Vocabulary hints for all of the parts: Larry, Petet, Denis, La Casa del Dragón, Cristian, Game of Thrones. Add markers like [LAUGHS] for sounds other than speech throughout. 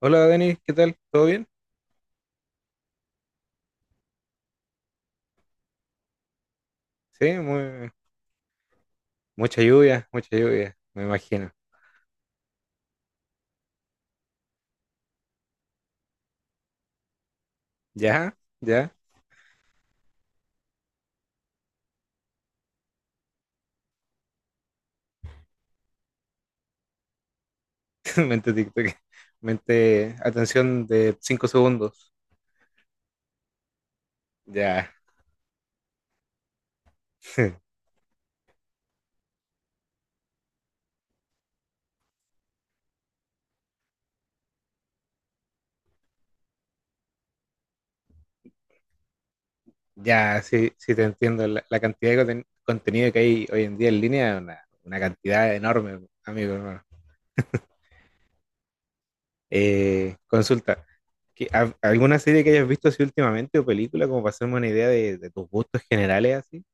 Hola Denis, ¿qué tal? ¿Todo bien? Sí, muy, mucha lluvia, me imagino. ¿Ya? ¿Ya? [LAUGHS] Mente TikTok. Mente, atención de 5 segundos. Ya, [LAUGHS] ya, sí, sí te entiendo. La cantidad de contenido que hay hoy en día en línea es una cantidad enorme, amigo hermano. Consulta, ¿alguna serie que hayas visto así últimamente o película como para hacerme una idea de tus gustos generales así?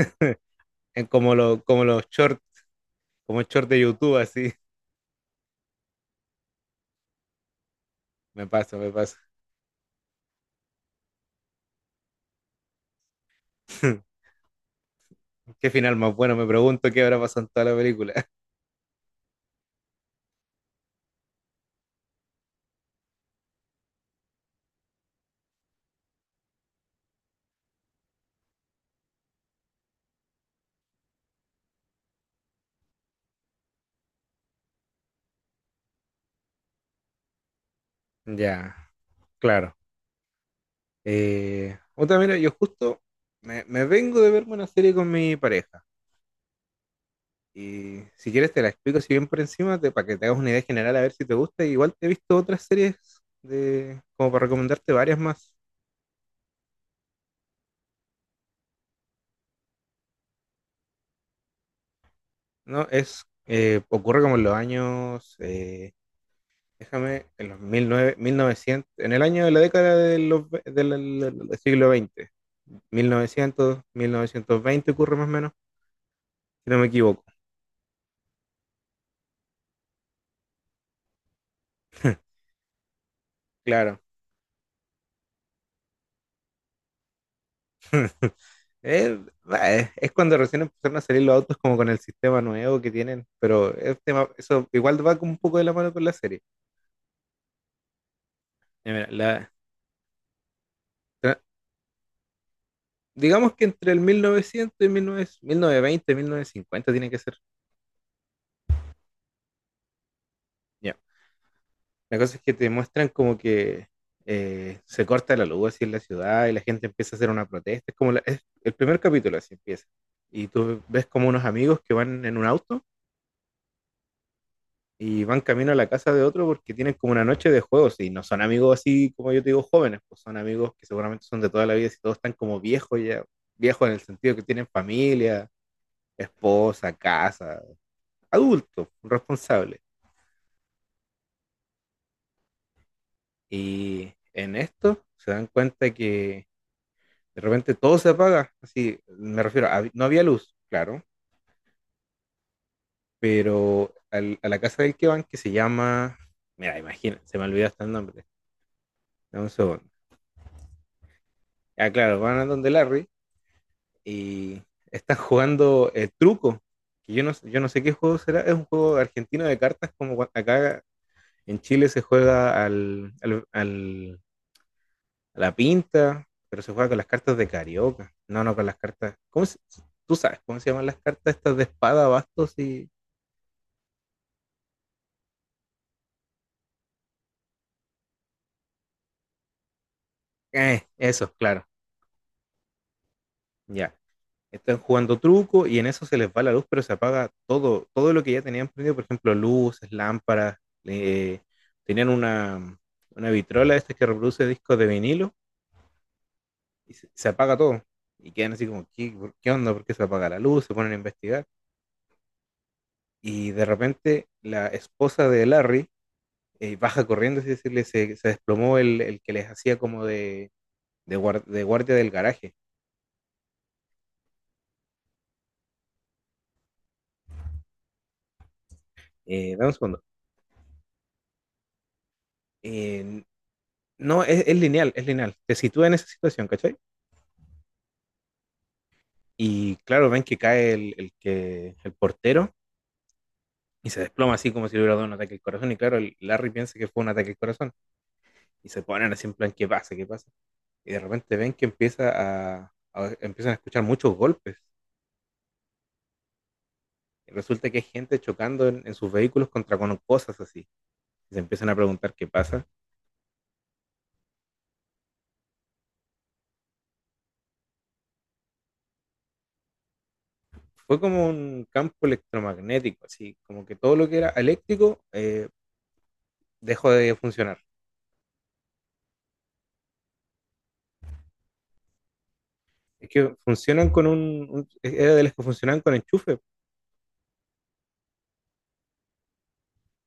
[LAUGHS] Como los shorts, como short de YouTube así. Me pasa, me pasa. [LAUGHS] Qué final más bueno, me pregunto qué habrá pasado en toda la película. [LAUGHS] Ya, claro. Mira, yo justo me vengo de verme una serie con mi pareja. Y si quieres te la explico así bien por encima, para que te hagas una idea general a ver si te gusta. Igual te he visto otras series como para recomendarte varias más. ¿No? Ocurre como en los años en los 1900 en el año de la década de los, ve- del, del- del siglo XX, 1900, 1920 ocurre más o menos, si no me equivoco. Claro. [LAUGHS] Es cuando recién empezaron a salir los autos como con el sistema nuevo que tienen, pero eso igual va como un poco de la mano con la serie. Mira, digamos que entre el 1900 y 1900, 1920 1950 tiene que ser. Ya. La cosa es que te muestran como que se corta la luz así en la ciudad y la gente empieza a hacer una protesta. Es como es el primer capítulo así empieza. Y tú ves como unos amigos que van en un auto y van camino a la casa de otro porque tienen como una noche de juegos y no son amigos así como yo te digo jóvenes, pues son amigos que seguramente son de toda la vida y todos están como viejos ya, viejos en el sentido que tienen familia, esposa, casa, adultos, responsables. Y en esto se dan cuenta que de repente todo se apaga, así, me refiero, no había luz, claro, pero a la casa del que van, que se llama, mira, imagina, se me olvidó hasta el nombre, dame un segundo. Ah, claro, van a donde Larry y están [LAUGHS] jugando el truco, que yo no sé qué juego será, es un juego argentino de cartas, como acá en Chile se juega a la pinta, pero se juega con las cartas de carioca, no, no, con las cartas, tú sabes cómo se llaman las cartas estas de espada, bastos y... Eso, claro, ya. Están jugando truco y en eso se les va la luz, pero se apaga todo, todo lo que ya tenían prendido, por ejemplo, luces, lámparas, eh, tenían una vitrola esta que reproduce discos de vinilo y se apaga todo. Y quedan así como, ¿Qué onda? ¿Por qué se apaga la luz? Se ponen a investigar. Y de repente la esposa de Larry baja corriendo, así decirle, se desplomó el que les hacía como de, de guardia del garaje. Dame un segundo. Eh, No, es lineal, es lineal. Te sitúa en esa situación, ¿cachai? Y claro, ven que cae el portero y se desploma así como si le hubiera dado un ataque al corazón. Y claro, el Larry piensa que fue un ataque al corazón. Y se ponen así en plan, ¿qué pasa? ¿Qué pasa? Y de repente ven que empieza empiezan a escuchar muchos golpes. Y resulta que hay gente chocando en sus vehículos contra con cosas así. Y se empiezan a preguntar qué pasa. Fue como un campo electromagnético, así como que todo lo que era eléctrico dejó de funcionar. Es que funcionan con un. Era de las que funcionaban con enchufe.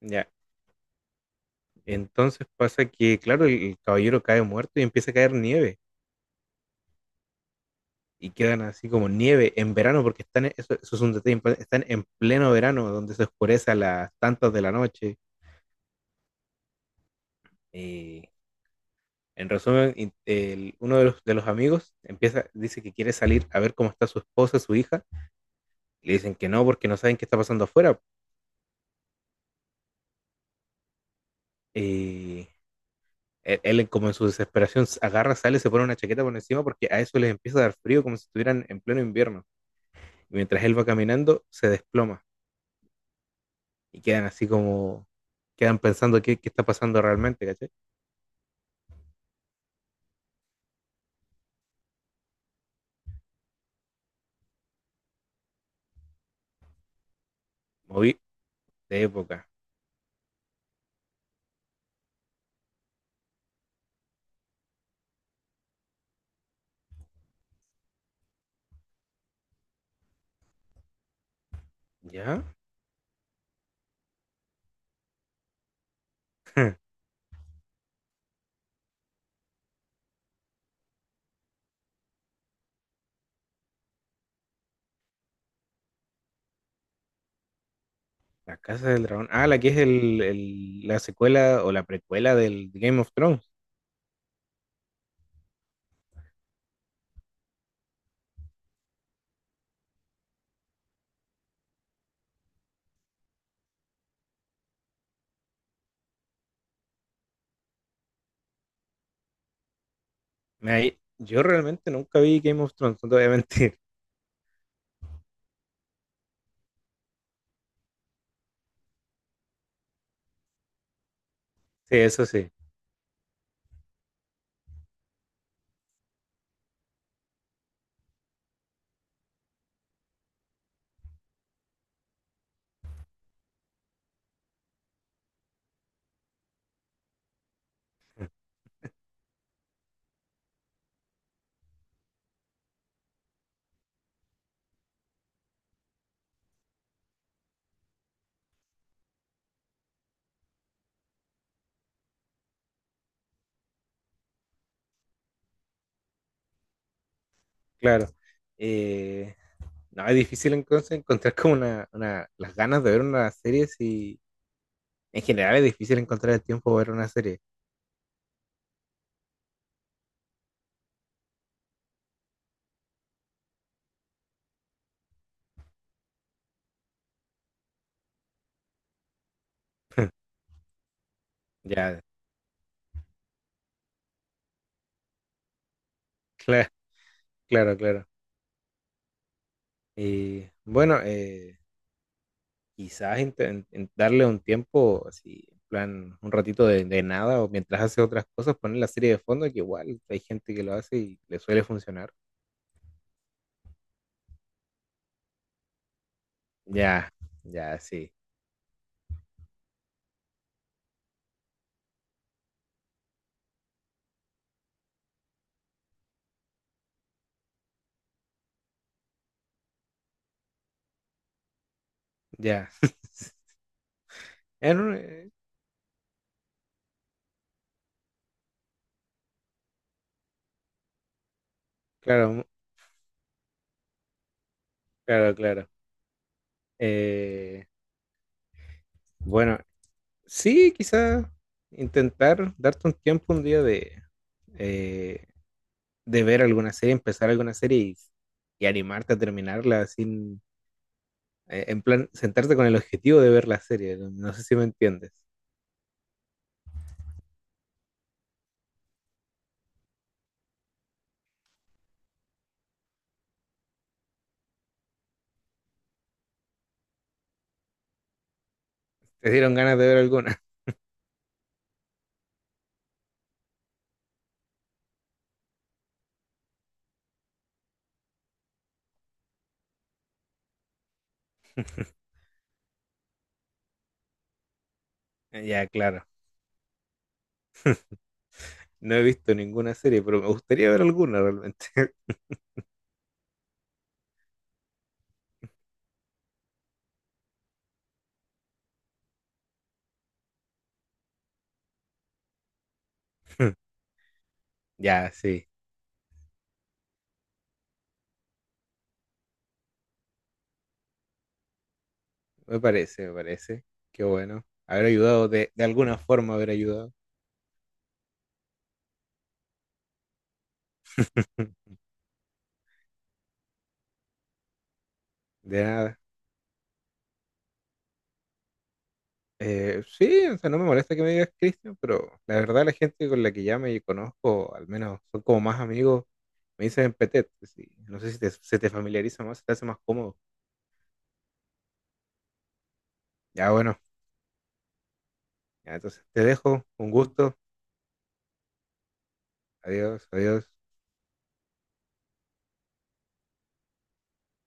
Ya. Entonces pasa que, claro, el caballero cae muerto y empieza a caer nieve. Y quedan así como nieve en verano, porque están, eso es un detalle importante, están en pleno verano, donde se oscurece a las tantas de la noche. Eh, en resumen, uno de los amigos empieza, dice que quiere salir a ver cómo está su esposa, su hija. Le dicen que no, porque no saben qué está pasando afuera. Eh, él como en su desesperación agarra, sale, se pone una chaqueta por encima porque a eso les empieza a dar frío como si estuvieran en pleno invierno. Y mientras él va caminando, se desploma y quedan pensando qué está pasando realmente, ¿cachai? Moví de época, ¿ya? [LAUGHS] La Casa del Dragón. Ah, la que es la secuela o la precuela del Game of Thrones. Mira, yo realmente nunca vi Game of Thrones, no te voy a mentir. [LAUGHS] Sí, eso sí, claro. Eh, No, es difícil entonces encontrar como una, las ganas de ver una serie si en general es difícil encontrar el tiempo para ver una serie. [LAUGHS] Ya, claro, claro, claro. Y bueno, quizás en darle un tiempo, así, en plan, un ratito de nada o mientras hace otras cosas, poner la serie de fondo, que igual hay gente que lo hace y le suele funcionar. Ya, ya, sí, ya. [LAUGHS] En un- eh, claro, claro, claro. Eh, bueno, sí, quizá intentar darte un tiempo un día eh, de ver alguna serie, empezar alguna serie y animarte a terminarla sin, en plan, sentarte con el objetivo de ver la serie. No, no sé si me entiendes. ¿Te dieron ganas de ver alguna? [LAUGHS] Ya, claro. No he visto ninguna serie, pero me gustaría ver alguna realmente. [LAUGHS] Ya, sí. Me parece, me parece. Qué bueno. Haber ayudado de alguna forma, haber ayudado. [LAUGHS] De nada. Sí, o sea, no me molesta que me digas Cristian, pero la verdad, la gente con la que ya me conozco, al menos son como más amigos, me dicen Petet. Sí. No sé si se te familiariza más, se te hace más cómodo. Ya bueno, ya, entonces te dejo, un gusto, adiós, adiós.